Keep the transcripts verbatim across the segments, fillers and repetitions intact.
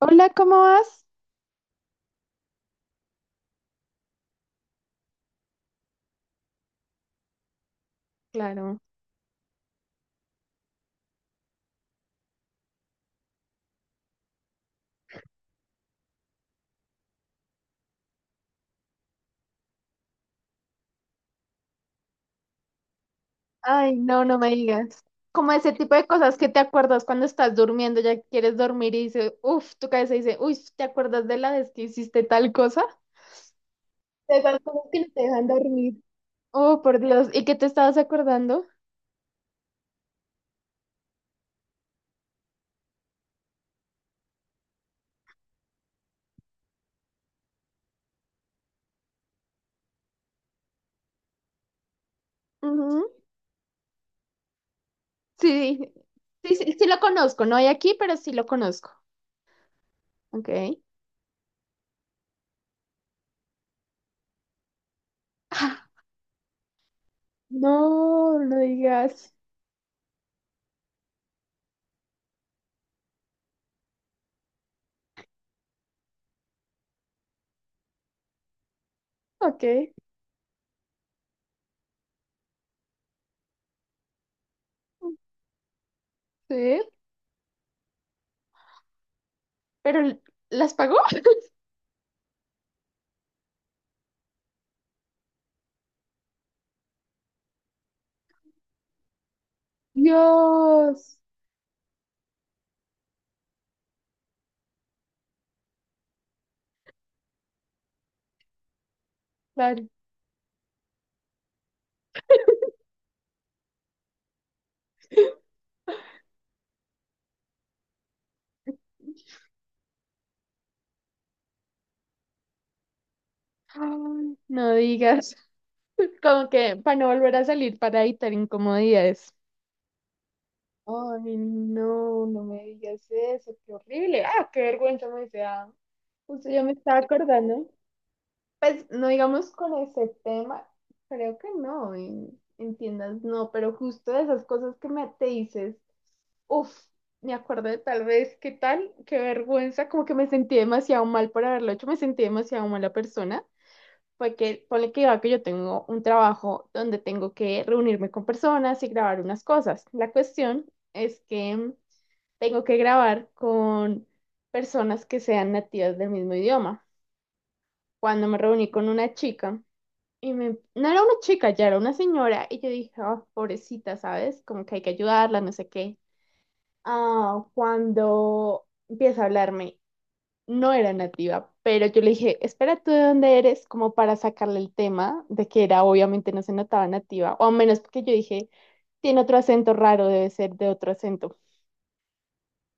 Hola, ¿cómo vas? Claro. Ay, no, no me digas. Como ese tipo de cosas que te acuerdas cuando estás durmiendo, ya quieres dormir y dices, uff, tu cabeza dice, uy, ¿te acuerdas de la vez que hiciste tal cosa? De esas cosas que no te dejan dormir. Oh, por Dios, ¿y qué te estabas acordando? Ujú. Sí, sí, sí, sí lo conozco, no hay aquí, pero sí lo conozco. Ok. No, no digas. Ok. Sí, pero ¿las pagó? Dios. Ay, no digas, como que para no volver a salir para evitar incomodidades. Ay, no, no me digas eso, qué horrible. Ah, qué vergüenza me dice. Ah, justo yo me estaba acordando. Pues no digamos con ese tema, creo que no, en, en tiendas no, pero justo de esas cosas que me te dices, uff, me acuerdo de tal vez, qué tal, qué vergüenza, como que me sentí demasiado mal por haberlo hecho, me sentí demasiado mala persona, porque ponle que va que yo tengo un trabajo donde tengo que reunirme con personas y grabar unas cosas. La cuestión es que tengo que grabar con personas que sean nativas del mismo idioma. Cuando me reuní con una chica, y me, no era una chica, ya era una señora, y yo dije: "Ah, pobrecita, ¿sabes? Como que hay que ayudarla, no sé qué". Ah, cuando empieza a hablarme, no era nativa, pero yo le dije, espera, ¿tú de dónde eres? Como para sacarle el tema de que era, obviamente no se notaba nativa, o al menos porque yo dije, tiene otro acento raro, debe ser de otro acento.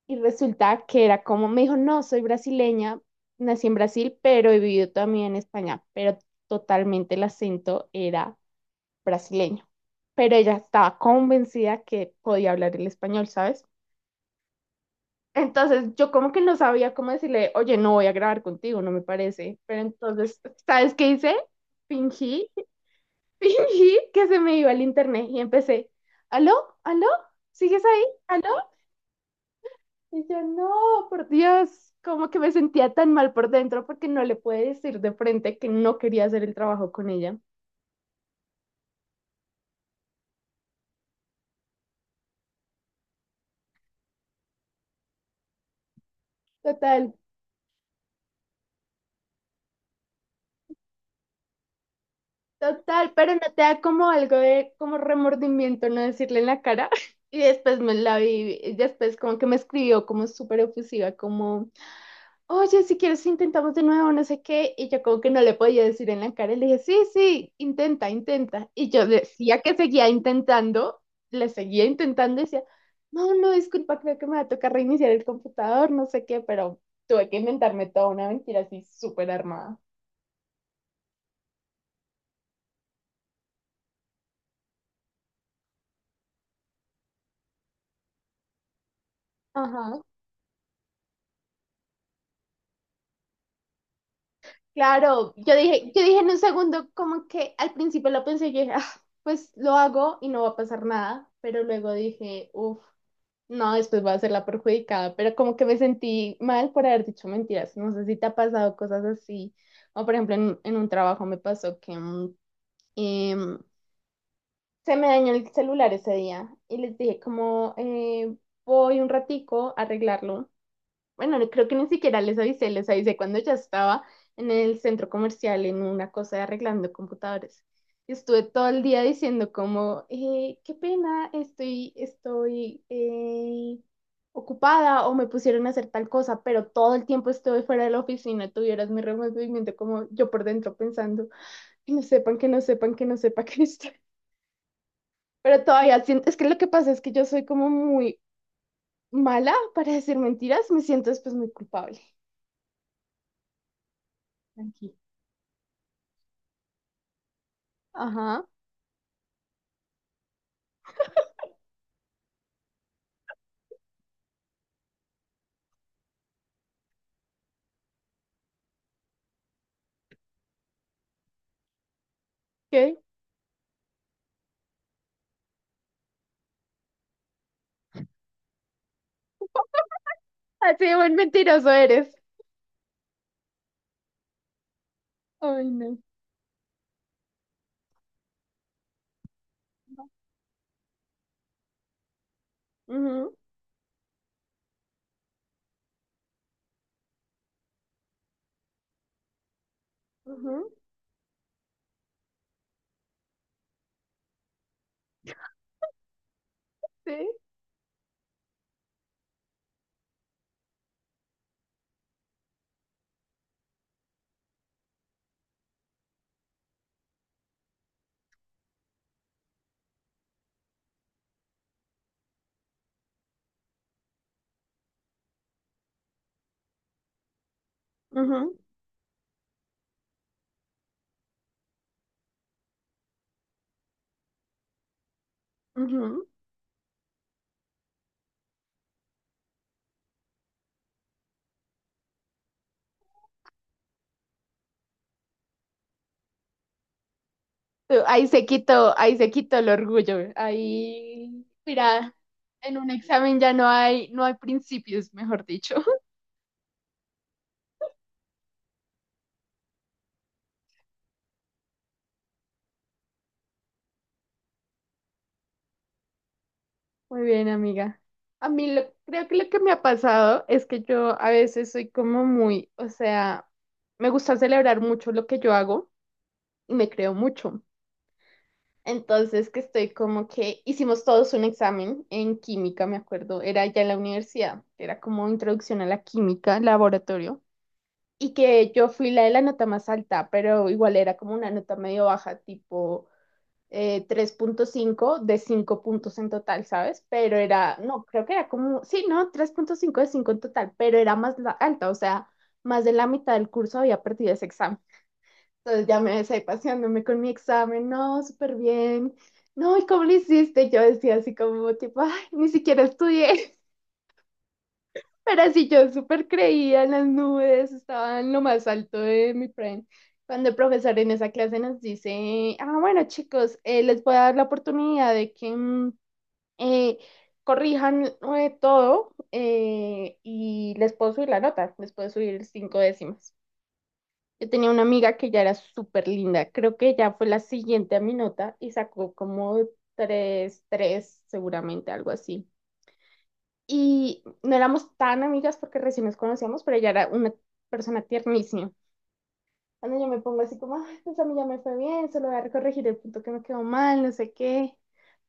Y resulta que era como, me dijo, no, soy brasileña, nací en Brasil, pero he vivido también en España, pero totalmente el acento era brasileño. Pero ella estaba convencida que podía hablar el español, ¿sabes? Entonces yo como que no sabía cómo decirle, oye, no voy a grabar contigo, no me parece. Pero entonces, ¿sabes qué hice? Fingí, fingí que se me iba el internet y empecé, ¿aló? ¿Aló? ¿Sigues ahí? ¿Aló? Y yo, no, por Dios, como que me sentía tan mal por dentro porque no le pude decir de frente que no quería hacer el trabajo con ella. Total. Total, pero no te da como algo de como remordimiento no decirle en la cara. Y después me la vi, y después como que me escribió como súper efusiva, como, oye, si quieres intentamos de nuevo, no sé qué. Y yo como que no le podía decir en la cara. Y le dije, sí, sí, intenta, intenta. Y yo decía que seguía intentando, le seguía intentando, y decía, no, no, disculpa, creo que me va a tocar reiniciar el computador, no sé qué, pero tuve que inventarme toda una mentira así súper armada. Ajá. Claro, yo dije, yo dije en un segundo, como que al principio lo pensé, yo dije: "Ah, pues lo hago y no va a pasar nada", pero luego dije, uff, no, después va a ser la perjudicada, pero como que me sentí mal por haber dicho mentiras, no sé si te ha pasado cosas así, o por ejemplo en, en un trabajo me pasó que mm, em, se me dañó el celular ese día y les dije como, eh, voy un ratico a arreglarlo. Bueno, no- creo que ni siquiera les avisé, les avisé cuando ya estaba en el centro comercial en una cosa de arreglando computadores. Y estuve todo el día diciendo como, eh, qué pena, estoy, estoy eh, ocupada o me pusieron a hacer tal cosa, pero todo el tiempo estuve fuera de la oficina, tuvieras mi removimiento como yo por dentro pensando, que no sepan, que no sepan, que no sepa que estoy. Pero todavía siento, es que lo que pasa es que yo soy como muy mala para decir mentiras, me siento después muy culpable. Tranquila. Ajá, ok. Así de buen mentiroso eres. Ay, no. Ujú, ujú, sí. Ujú, ujú. Tú, ahí se quitó, ahí se quitó el orgullo. Ahí, mira, en un examen ya no hay, no hay principios, mejor dicho. Muy bien, amiga. A mí lo- creo que lo que me ha pasado es que yo a veces soy como muy, o sea, me gusta celebrar mucho lo que yo hago y me creo mucho. Entonces que estoy como que hicimos todos un examen en química, me acuerdo, era ya en la universidad, era como introducción a la química, laboratorio, y que yo fui la de la nota más alta, pero igual era como una nota medio baja, tipo eh, tres punto cinco de cinco puntos en total, ¿sabes? Pero era, no, creo que era como, sí, no, tres punto cinco de cinco en total, pero era más la- alta, o sea, más de la mitad del curso había perdido ese examen. Entonces ya me ves ahí paseándome con mi examen, no, súper bien. No, ¿y cómo lo hiciste? Yo decía así como tipo, ay, ni siquiera estudié, pero sí yo súper creía en las nubes, estaba en lo más alto de mi friend. Cuando el profesor en esa clase nos dice, ah, bueno chicos, eh, les voy a dar la oportunidad de que mm, eh, corrijan eh, todo, eh, y les puedo subir la nota, les puedo subir cinco décimas. Yo tenía una amiga que ya era súper linda. Creo que ella fue la siguiente a mi nota y sacó como tres, tres, seguramente, algo así. Y no éramos tan amigas porque recién nos conocíamos, pero ella era una persona tiernísima. Cuando yo me pongo así como: "Ay, pues a mí ya me fue bien, solo voy a corregir el punto que me quedó mal, no sé qué".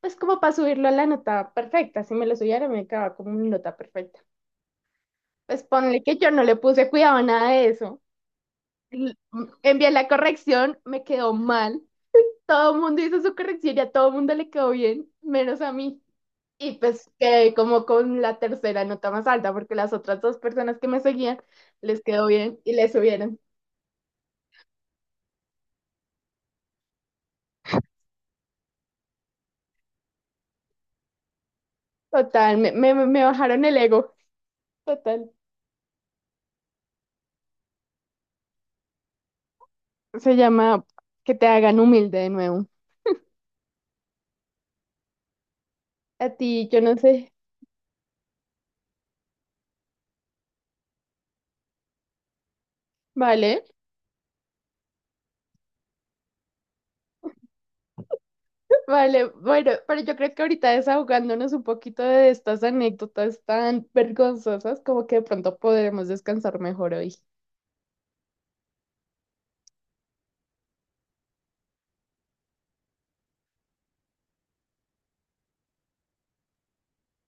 Pues como para subirlo a la nota perfecta. Si me lo subiera, me quedaba como mi nota perfecta. Pues ponle que yo no le puse cuidado a nada de eso. L- Envié la corrección, me quedó mal. Todo el mundo hizo su corrección y a todo el mundo le quedó bien, menos a mí. Y pues quedé como con la tercera nota más alta, porque las otras dos personas que me seguían les quedó bien y les subieron. Total, me, me, me bajaron el ego. Total. Se llama que te hagan humilde de nuevo. A ti, yo no sé. Vale, vale. Bueno, pero yo creo que ahorita desahogándonos un poquito de estas anécdotas tan vergonzosas, como que de pronto podremos descansar mejor hoy.